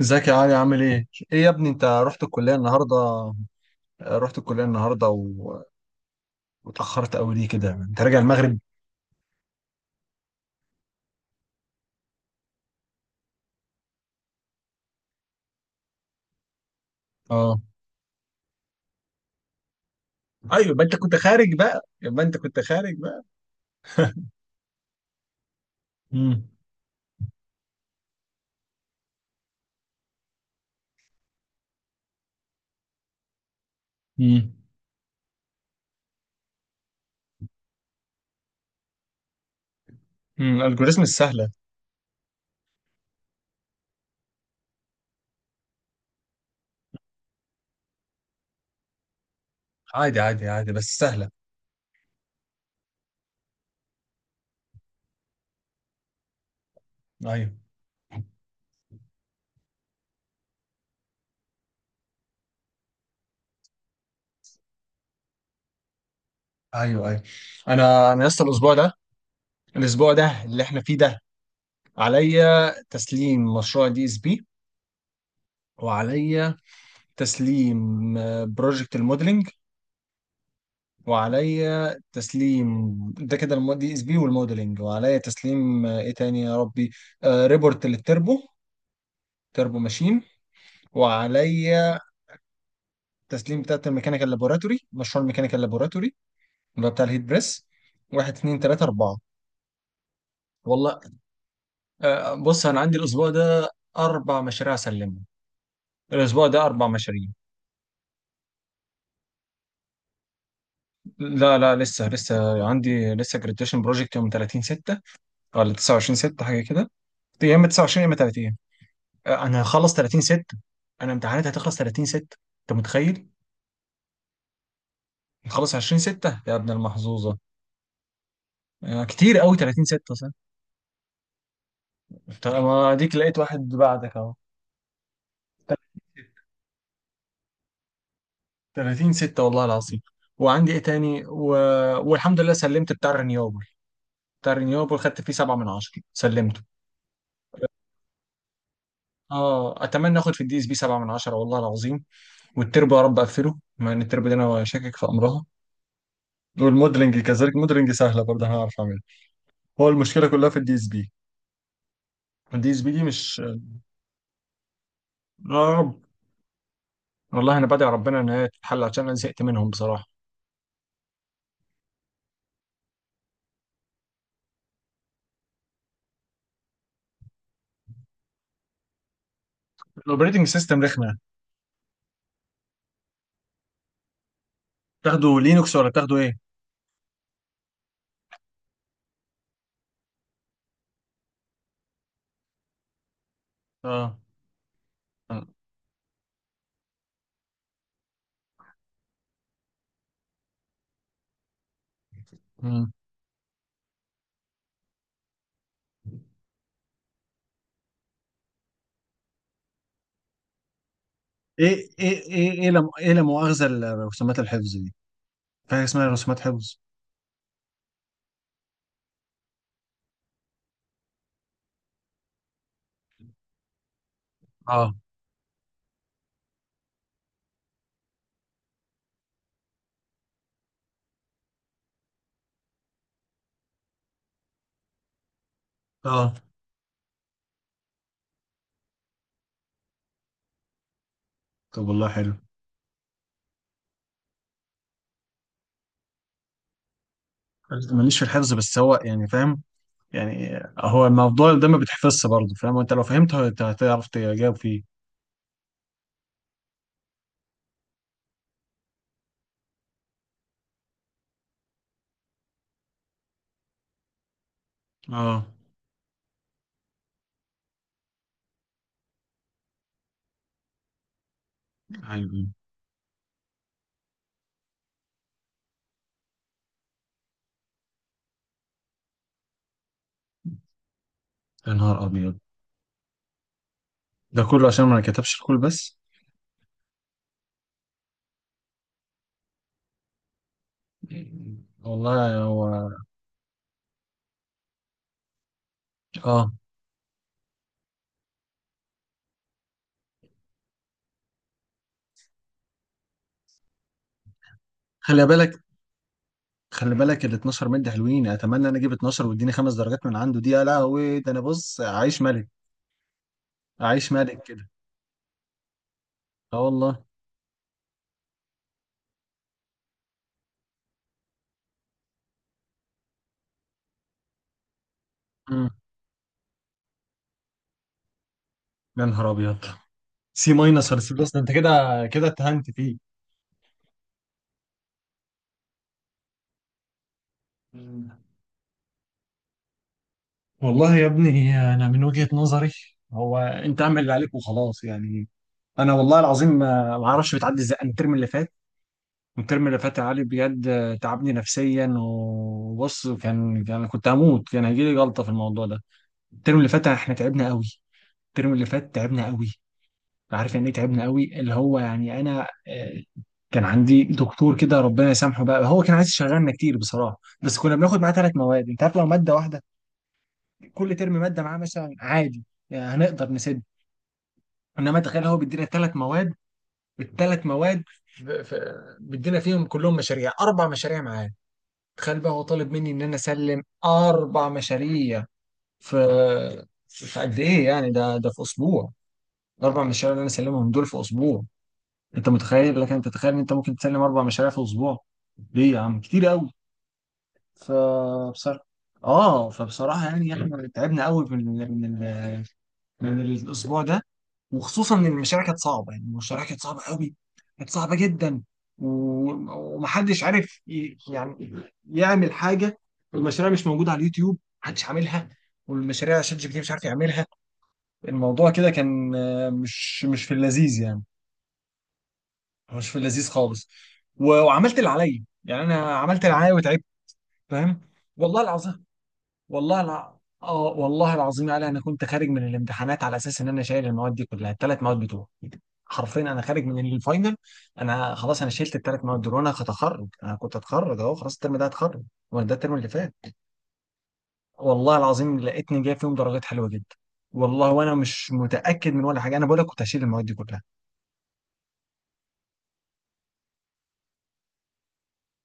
ازيك يا علي عامل ايه؟ ايه يا ابني انت رحت الكلية النهاردة؟ رحت الكلية النهاردة واتأخرت قوي ليه كده؟ انت راجع المغرب؟ اه. ايوه، يبقى انت كنت خارج بقى. امم. امم. الالجوريزم السهلة. عادي عادي عادي، بس سهلة. ايوه ايوه ايوه. انا لسه الاسبوع ده اللي احنا فيه ده. عليا تسليم مشروع دي اس بي، وعليا تسليم بروجكت الموديلنج، وعليا تسليم ده كده دي اس بي والموديلنج، وعليا تسليم ايه تاني يا ربي. ريبورت للتربو، تربو ماشين. وعليا تسليم بتاعت الميكانيكال لابوراتوري مشروع الميكانيكال لابوراتوري اللي هو بتاع الهيت بريس. واحد، اتنين، تلاتة، أربعة. والله بص، أنا عندي الأسبوع ده أربع مشاريع أسلمهم، الأسبوع ده أربع مشاريع. لا لا، لسه عندي لسه جراديشن بروجكت يوم 30 6، ولا 29 6، حاجة كده. يا إما 29 يا إما 30. انا هخلص 30 6. انا امتحاناتي هتخلص 30 6، انت متخيل؟ هتخلص 20 6 يا ابن المحظوظه. كتير قوي، 30 6 صح. طب ما اديك لقيت واحد بعدك اهو. 30 6 والله العظيم. وعندي ايه تاني والحمد لله سلمت بتاع الرينيوبل، خدت فيه 7 من 10، سلمته. اه، اتمنى اخد في الدي اس بي 7 من 10 والله العظيم. والتربو يا رب اقفله، مع ان التربو دي انا شاكك في امرها. والموديلنج كذلك، الموديلنج سهله برضه، هنعرف اعملها. هو المشكله كلها في الدي اس بي دي، زميلي مش. يا رب. والله انا بدعي ربنا ان هي تتحل، عشان انا زهقت منهم بصراحه. الاوبريتنج سيستم رخمه. تاخدوا لينكس ولا تاخدوا ايه؟ اه. مم. ايه ايه ايه ايه لا، ايه لا مؤاخذه، الرسومات الحفظ دي، في حاجه اسمها رسومات حفظ؟ اه اه. طب والله حلو. ماليش في الحفظ، بس هو يعني فاهم، يعني هو الموضوع ده ما بيتحفظش برضه فاهم، وانت لو فهمته هتعرف تجاوب فيه. اه. ايوه. يا نهار ابيض، ده كله عشان ما كتبش الكل بس؟ والله هو. اه، خلي بالك خلي بالك، ال 12 مد حلوين، اتمنى انا اجيب 12 واديني خمس درجات من عنده، دي يا لهوي، ده انا بص عايش ملك، عايش ملك كده. اه والله. امم. يا نهار ابيض، سي ماينس ولا سي بلس ده انت كده، كده اتهنت فيه. مم. والله يا ابني انا من وجهة نظري، هو انت اعمل اللي عليك وخلاص يعني. انا والله العظيم ما اعرفش بتعدي ازاي. أنا الترم اللي فات، الترم اللي فات يا علي بجد تعبني نفسيا، وبص كان كنت هموت، كان هيجي لي جلطة في الموضوع ده. الترم اللي فات احنا تعبنا قوي، الترم اللي فات تعبنا قوي. عارف يعني ايه تعبنا قوي؟ اللي هو يعني انا، كان عندي دكتور كده ربنا يسامحه بقى، هو كان عايز يشغلنا كتير بصراحه، بس كنا بناخد معاه ثلاث مواد. انت عارف لو ماده واحده كل ترم، ماده معاه مثلا، عادي، يعني هنقدر نسد. انما تخيل هو بيدينا ثلاث مواد، الثلاث مواد ف- ف- بيدينا فيهم كلهم مشاريع، اربع مشاريع معاه. تخيل بقى، هو طالب مني ان انا اسلم اربع مشاريع في، في قد ايه يعني، ده في اسبوع؟ الاربع مشاريع اللي انا سلمهم دول في اسبوع. انت متخيل؟ لكن انت تتخيل ان انت ممكن تسلم اربع مشاريع في اسبوع؟ ليه يا عم، كتير قوي. فبصراحه، اه، فبصراحه يعني احنا تعبنا قوي من الاسبوع ده، وخصوصا ان المشاريع كانت صعبه، يعني المشاريع كانت صعبه قوي، كانت صعبه جدا، و- ومحدش عارف يعني يعمل حاجه. والمشاريع مش موجوده على اليوتيوب، محدش عاملها، والمشاريع شات جي بي تي مش عارف يعملها. الموضوع كده كان مش في اللذيذ يعني، مش في اللذيذ خالص. وعملت اللي عليا يعني، انا عملت اللي عليا وتعبت، فاهم. والله العظيم. اه والله العظيم يا علي، انا كنت خارج من الامتحانات على اساس ان انا شايل المواد دي كلها، الثلاث مواد بتوعي، حرفيا. انا خارج من الفاينل، انا خلاص، انا شلت الثلاث مواد دول، وانا هتخرج، انا كنت هتخرج اهو خلاص، الترم ده هتخرج. وانا ده الترم اللي فات، والله العظيم لقيتني جايب فيهم درجات حلوه جدا. والله، وانا مش متاكد من ولا حاجه، انا بقول لك كنت هشيل المواد دي كلها.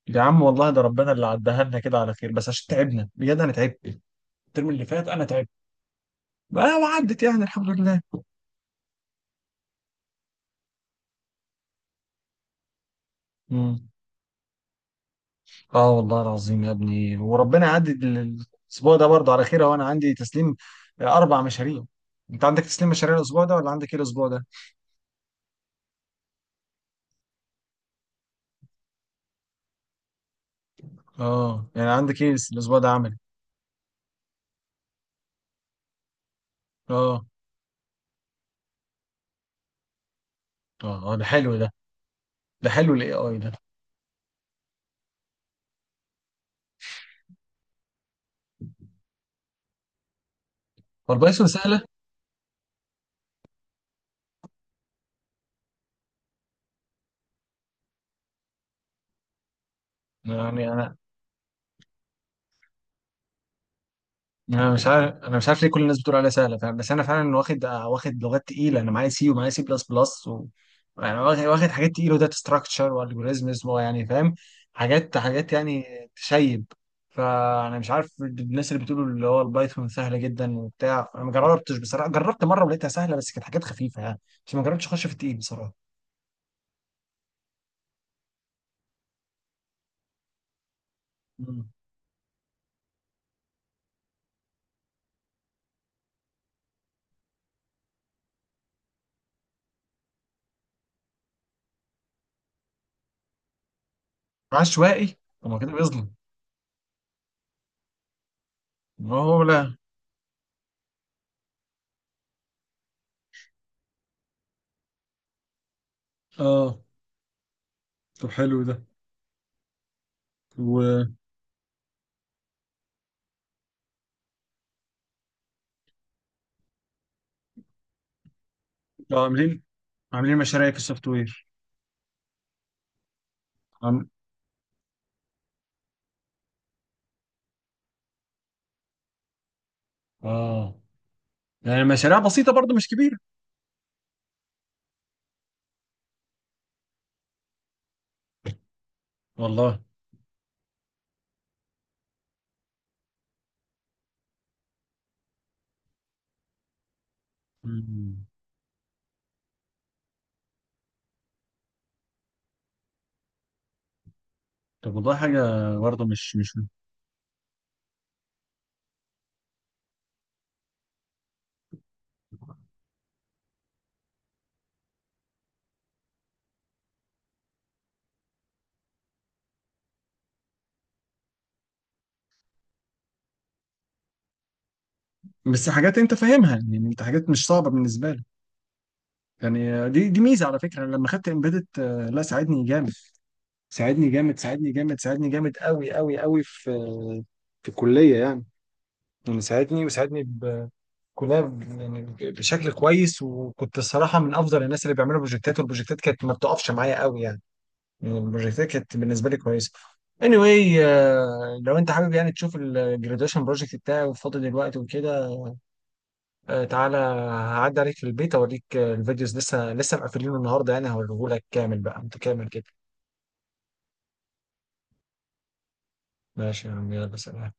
يا عم والله، ده ربنا اللي عدها لنا كده على خير، بس عشان تعبنا بجد، انا تعبت الترم اللي فات، انا تعبت بقى وعدت يعني، الحمد لله. مم. اه والله العظيم يا ابني، وربنا يعدي الاسبوع ده برضه على خير اهو، انا عندي تسليم اربع مشاريع. انت عندك تسليم مشاريع الاسبوع ده، ولا عندك ايه الاسبوع ده؟ اه، يعني عندك ايه الاسبوع ده، عملي؟ اه اه. ده حلو ده، ده حلو الاي اي ده. والبايثون سهله؟ يعني انا، مش عارف انا مش عارف ليه كل الناس بتقول عليها سهله، فاهم؟ بس انا فعلا واخد لغات تقيله، انا معايا سي ومعايا سي بلس بلس يعني واخد حاجات تقيله، وداتا ستراكشر والجوريزمز يعني فاهم، حاجات حاجات يعني تشيب. فانا مش عارف، الناس اللي بتقولوا اللي هو البايثون سهله جدا وبتاع، انا ما جربتش بصراحه، جربت مره ولقيتها سهله بس كانت حاجات خفيفه يعني، بس ما جربتش اخش في التقيل بصراحه. مم. عشوائي؟ طب ما كده بيظلم. ما هو لا. اه. طب حلو ده. و عاملين عاملين مشاريع في السوفت وير. اه، يعني مشاريع بسيطة برضو، مش كبيرة. والله. مم. طب والله حاجة، برضو مش، بس حاجات انت فاهمها يعني، انت حاجات مش صعبة بالنسبة لك. يعني دي ميزة، على فكرة انا لما خدت امبيدت، لا، ساعدني جامد، ساعدني جامد ساعدني جامد ساعدني جامد قوي قوي قوي في الكلية يعني، يعني ساعدني وساعدني بكلها يعني بشكل كويس، وكنت الصراحة من افضل الناس اللي بيعملوا بروجكتات، والبروجكتات كانت ما بتقفش معايا قوي يعني، البروجكتات كانت بالنسبه لي كويسه. anyway، لو انت حابب يعني تشوف الجراديويشن بروجكت بتاعي، فاضي دلوقتي وكده. تعالى هعدي عليك في البيت اوريك، الفيديوز لسه مقفلينه النهارده يعني، هوريهولك كامل بقى متكامل كده. ماشي يا عم، يلا سلام.